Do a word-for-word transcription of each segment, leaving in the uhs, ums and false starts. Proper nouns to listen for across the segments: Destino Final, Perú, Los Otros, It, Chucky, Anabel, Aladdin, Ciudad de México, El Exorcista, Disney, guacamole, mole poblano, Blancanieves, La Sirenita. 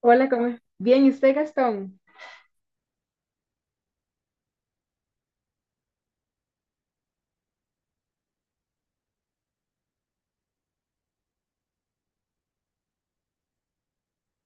Hola, ¿cómo es? Bien, ¿y usted, Gastón?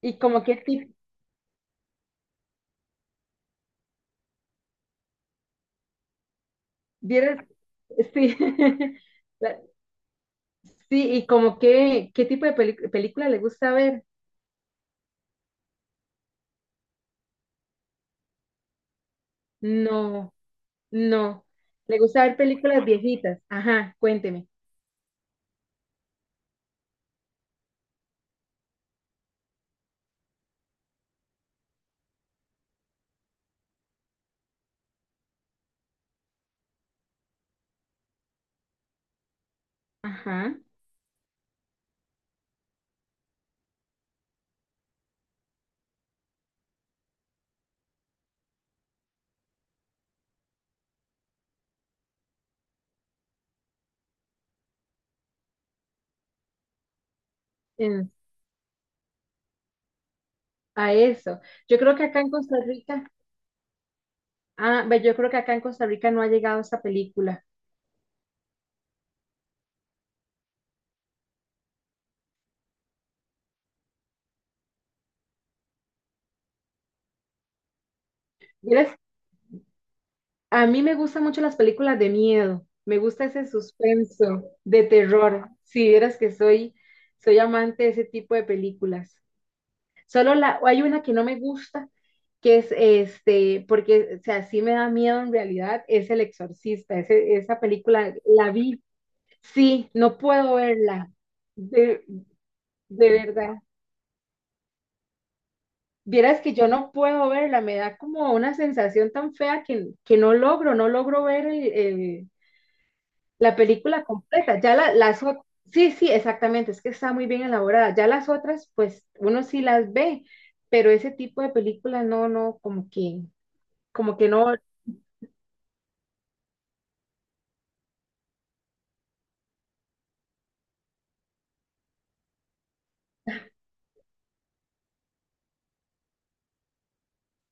¿Y como qué tipo? ¿Vieras? Sí, La- sí, ¿y como qué, qué tipo de pelic- película le gusta ver? No, no. ¿Le gusta ver películas viejitas? Ajá, cuénteme. Ajá, en- a eso. Yo creo que acá en Costa Rica, ah, ve, yo creo que acá en Costa Rica no ha llegado esa película. A mí me gustan mucho las películas de miedo, me gusta ese suspenso de terror. Si vieras que soy, soy amante de ese tipo de películas. Solo la, hay una que no me gusta, que es este, porque o sea, sí me da miedo en realidad, es El Exorcista. Ese- esa película la vi, sí, no puedo verla, de, de verdad. Vieras que yo no puedo verla, me da como una sensación tan fea que, que no logro, no logro ver el, la película completa. Ya la- las otras, sí, sí, exactamente, es que está muy bien elaborada. Ya las otras, pues uno sí las ve, pero ese tipo de película no, no, como que, como que no.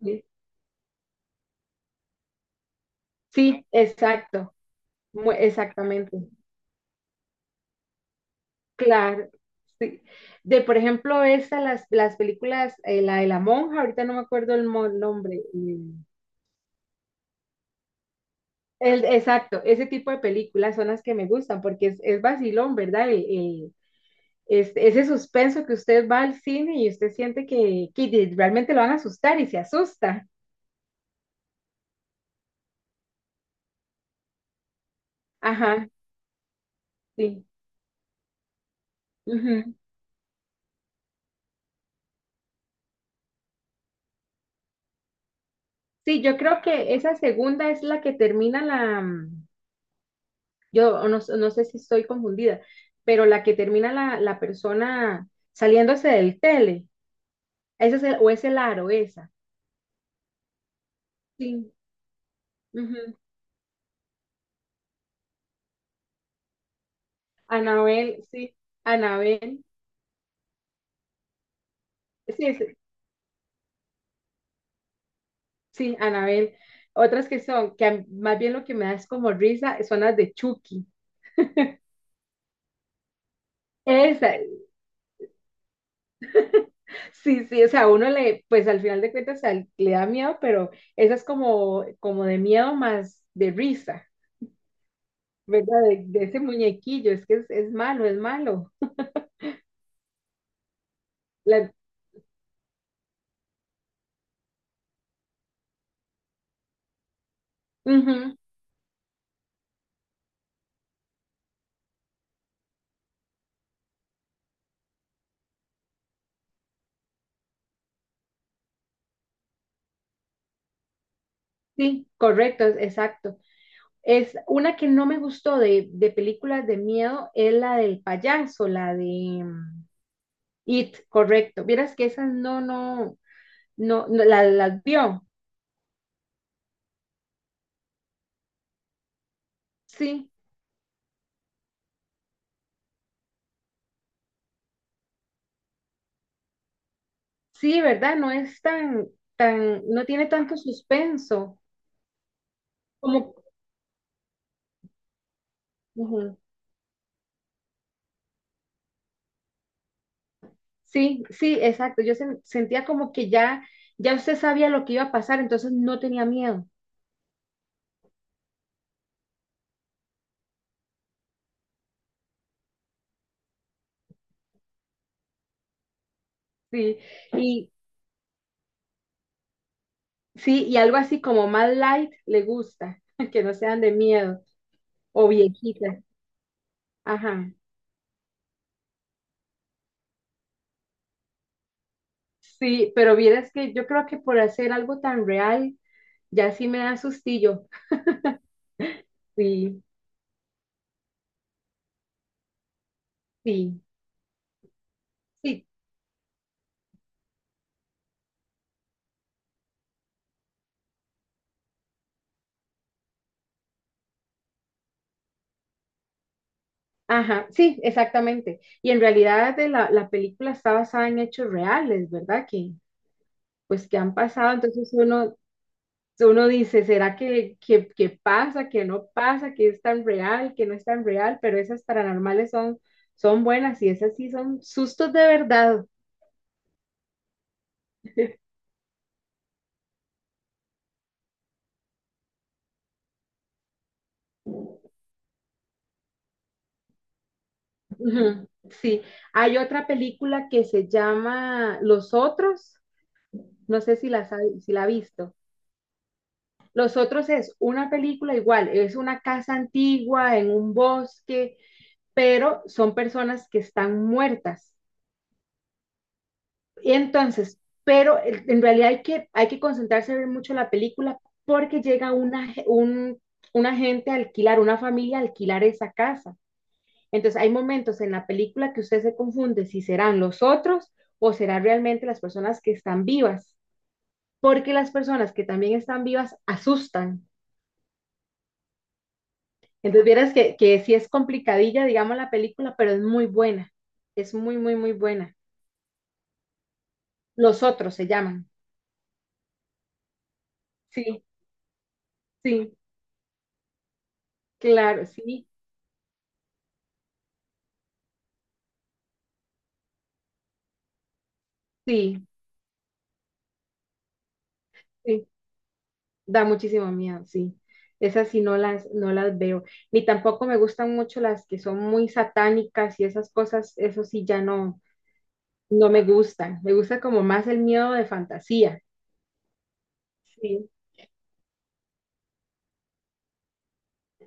eh, Sí, exacto, mu- exactamente, claro. Sí. De, por ejemplo, esta, las, las películas, eh, la de la monja, ahorita no me acuerdo el mo- nombre. eh, El, exacto, ese tipo de películas son las que me gustan porque es, es vacilón, ¿verdad? El, el- este, ese suspenso que usted va al cine y usted siente que, que de- realmente lo van a asustar y se asusta. Ajá, sí. Ujú. Sí, yo creo que esa segunda es la que termina la, mm, Yo no, s- no sé si estoy confundida, pero la que termina la, la persona saliéndose del tele. Esa es el- o es el aro, esa. Sí. Ujú. Anabel, sí. Anabel. Sí, es- sí, Anabel. Otras que son, que a- más bien lo que me da es como risa, son las de Chucky. Esa, sí, sí, o sea, uno le, pues al final de cuentas o le da miedo, pero esa es como, como de miedo más de risa, ¿verdad? De, de ese muñequillo, es que es, es malo, es malo. La- Ujú, sí, correcto, es- exacto. Es una que no me gustó de, de películas de miedo, es la del payaso, la de mm, It, correcto. Vieras que esas no, no, no, no la- las vio. Sí, sí, ¿verdad? No es tan, tan, no tiene tanto suspenso. Como, ujú. Sí, sí, exacto. Yo sen- sentía como que ya, ya usted sabía lo que iba a pasar, entonces no tenía miedo. Sí, y sí, y algo así como más light le gusta, que no sean de miedo o viejitas. Ajá. Sí, pero vieras que yo creo que por hacer algo tan real, ya sí me da sustillo. Sí, sí, sí. Ajá, sí, exactamente. Y en realidad de la, la película está basada en hechos reales, ¿verdad? Que pues que han pasado, entonces uno uno dice, ¿será que, que, que pasa, que no pasa, que es tan real, que no es tan real? Pero esas paranormales son, son buenas y esas sí son sustos de verdad. Ujú. Sí, hay otra película que se llama Los Otros, no sé si la, sabe- si la ha visto. Los Otros es una película igual, es una casa antigua en un bosque, pero son personas que están muertas. Y entonces, pero eh, en realidad hay que, hay que concentrarse a ver mucho la película porque llega una, ge- un, una gente a alquilar, una familia a alquilar esa casa. Entonces hay momentos en la película que usted se confunde si serán los otros o serán realmente las personas que están vivas, porque las personas que también están vivas asustan. Entonces vieras que, que sí es complicadilla, digamos, la película, pero es muy buena, es muy, muy, muy buena. Los otros se llaman. Sí, sí, claro, sí, sí, sí. Da muchísimo miedo, sí. Esas sí no las, no las veo. Ni tampoco me gustan mucho las que son muy satánicas y esas cosas, eso sí ya no, no me gustan. Me gusta como más el miedo de fantasía. Sí.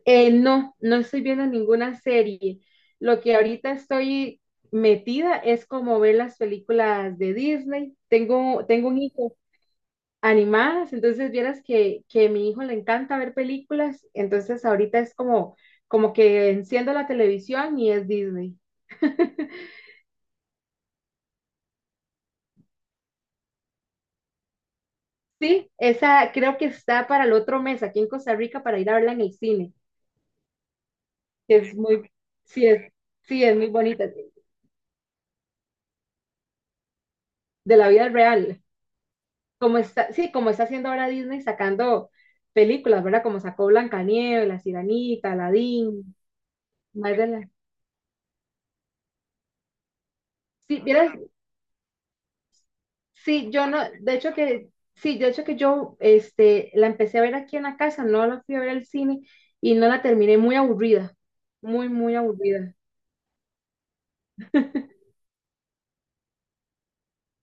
Eh, no, no estoy viendo ninguna serie. Lo que ahorita estoy metida es como ver las películas de Disney. Tengo, tengo un hijo animadas, entonces vieras que, que a mi hijo le encanta ver películas, entonces ahorita es como, como que enciendo la televisión y es Disney. Sí, esa creo que está para el otro mes aquí en Costa Rica para ir a verla en el cine, que es muy, sí es, sí es muy bonita, de la vida real, como está, sí, como está haciendo ahora Disney sacando películas, ¿verdad? Como sacó Blancanieves, La Sirenita, Aladdin, más de la, sí, vieras. Sí, yo no, de hecho que, sí, de hecho que yo, este, la empecé a ver aquí en la casa, no la fui a ver al cine y no la terminé, muy aburrida, muy, muy aburrida.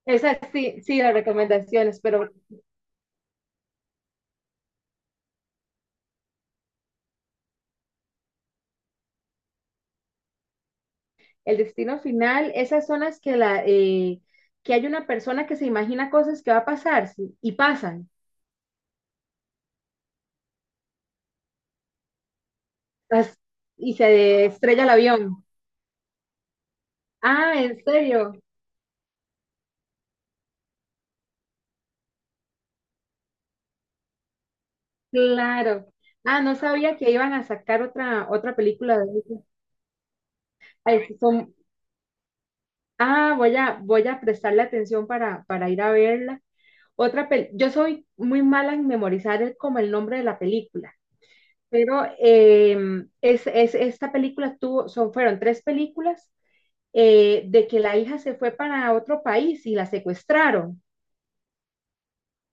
Esa sí, sí, las recomendaciones, pero el destino final, esas son las que la, eh, que hay una persona que se imagina cosas que va a pasar, sí, y pasan, las- y se estrella el avión. Ah, ¿en serio? Claro. Ah, no sabía que iban a sacar otra, otra película de eso. Ay, son, ah, voy a, voy a prestarle atención para, para ir a verla. Otra pel, yo soy muy mala en memorizar el- como el nombre de la película, pero eh, es, es- esta película tuvo, son, fueron tres películas, eh, de que la hija se fue para otro país y la secuestraron.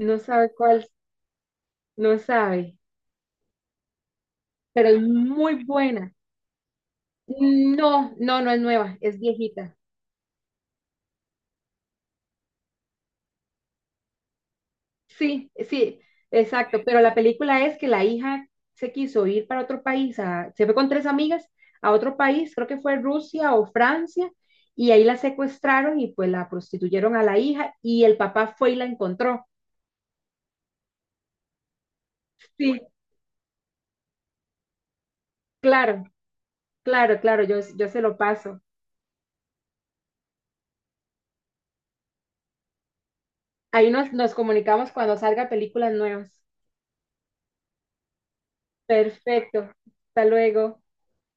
No sabe cuál, no sabe, pero es muy buena. No, no, no es nueva, es viejita. Sí, sí, exacto, pero la película es que la hija se quiso ir para otro país, a- se fue con tres amigas a otro país, creo que fue Rusia o Francia, y ahí la secuestraron y pues la prostituyeron a la hija y el papá fue y la encontró. Sí, claro, claro, claro, yo, yo se lo paso. Ahí nos, nos comunicamos cuando salga películas nuevas. Perfecto, hasta luego.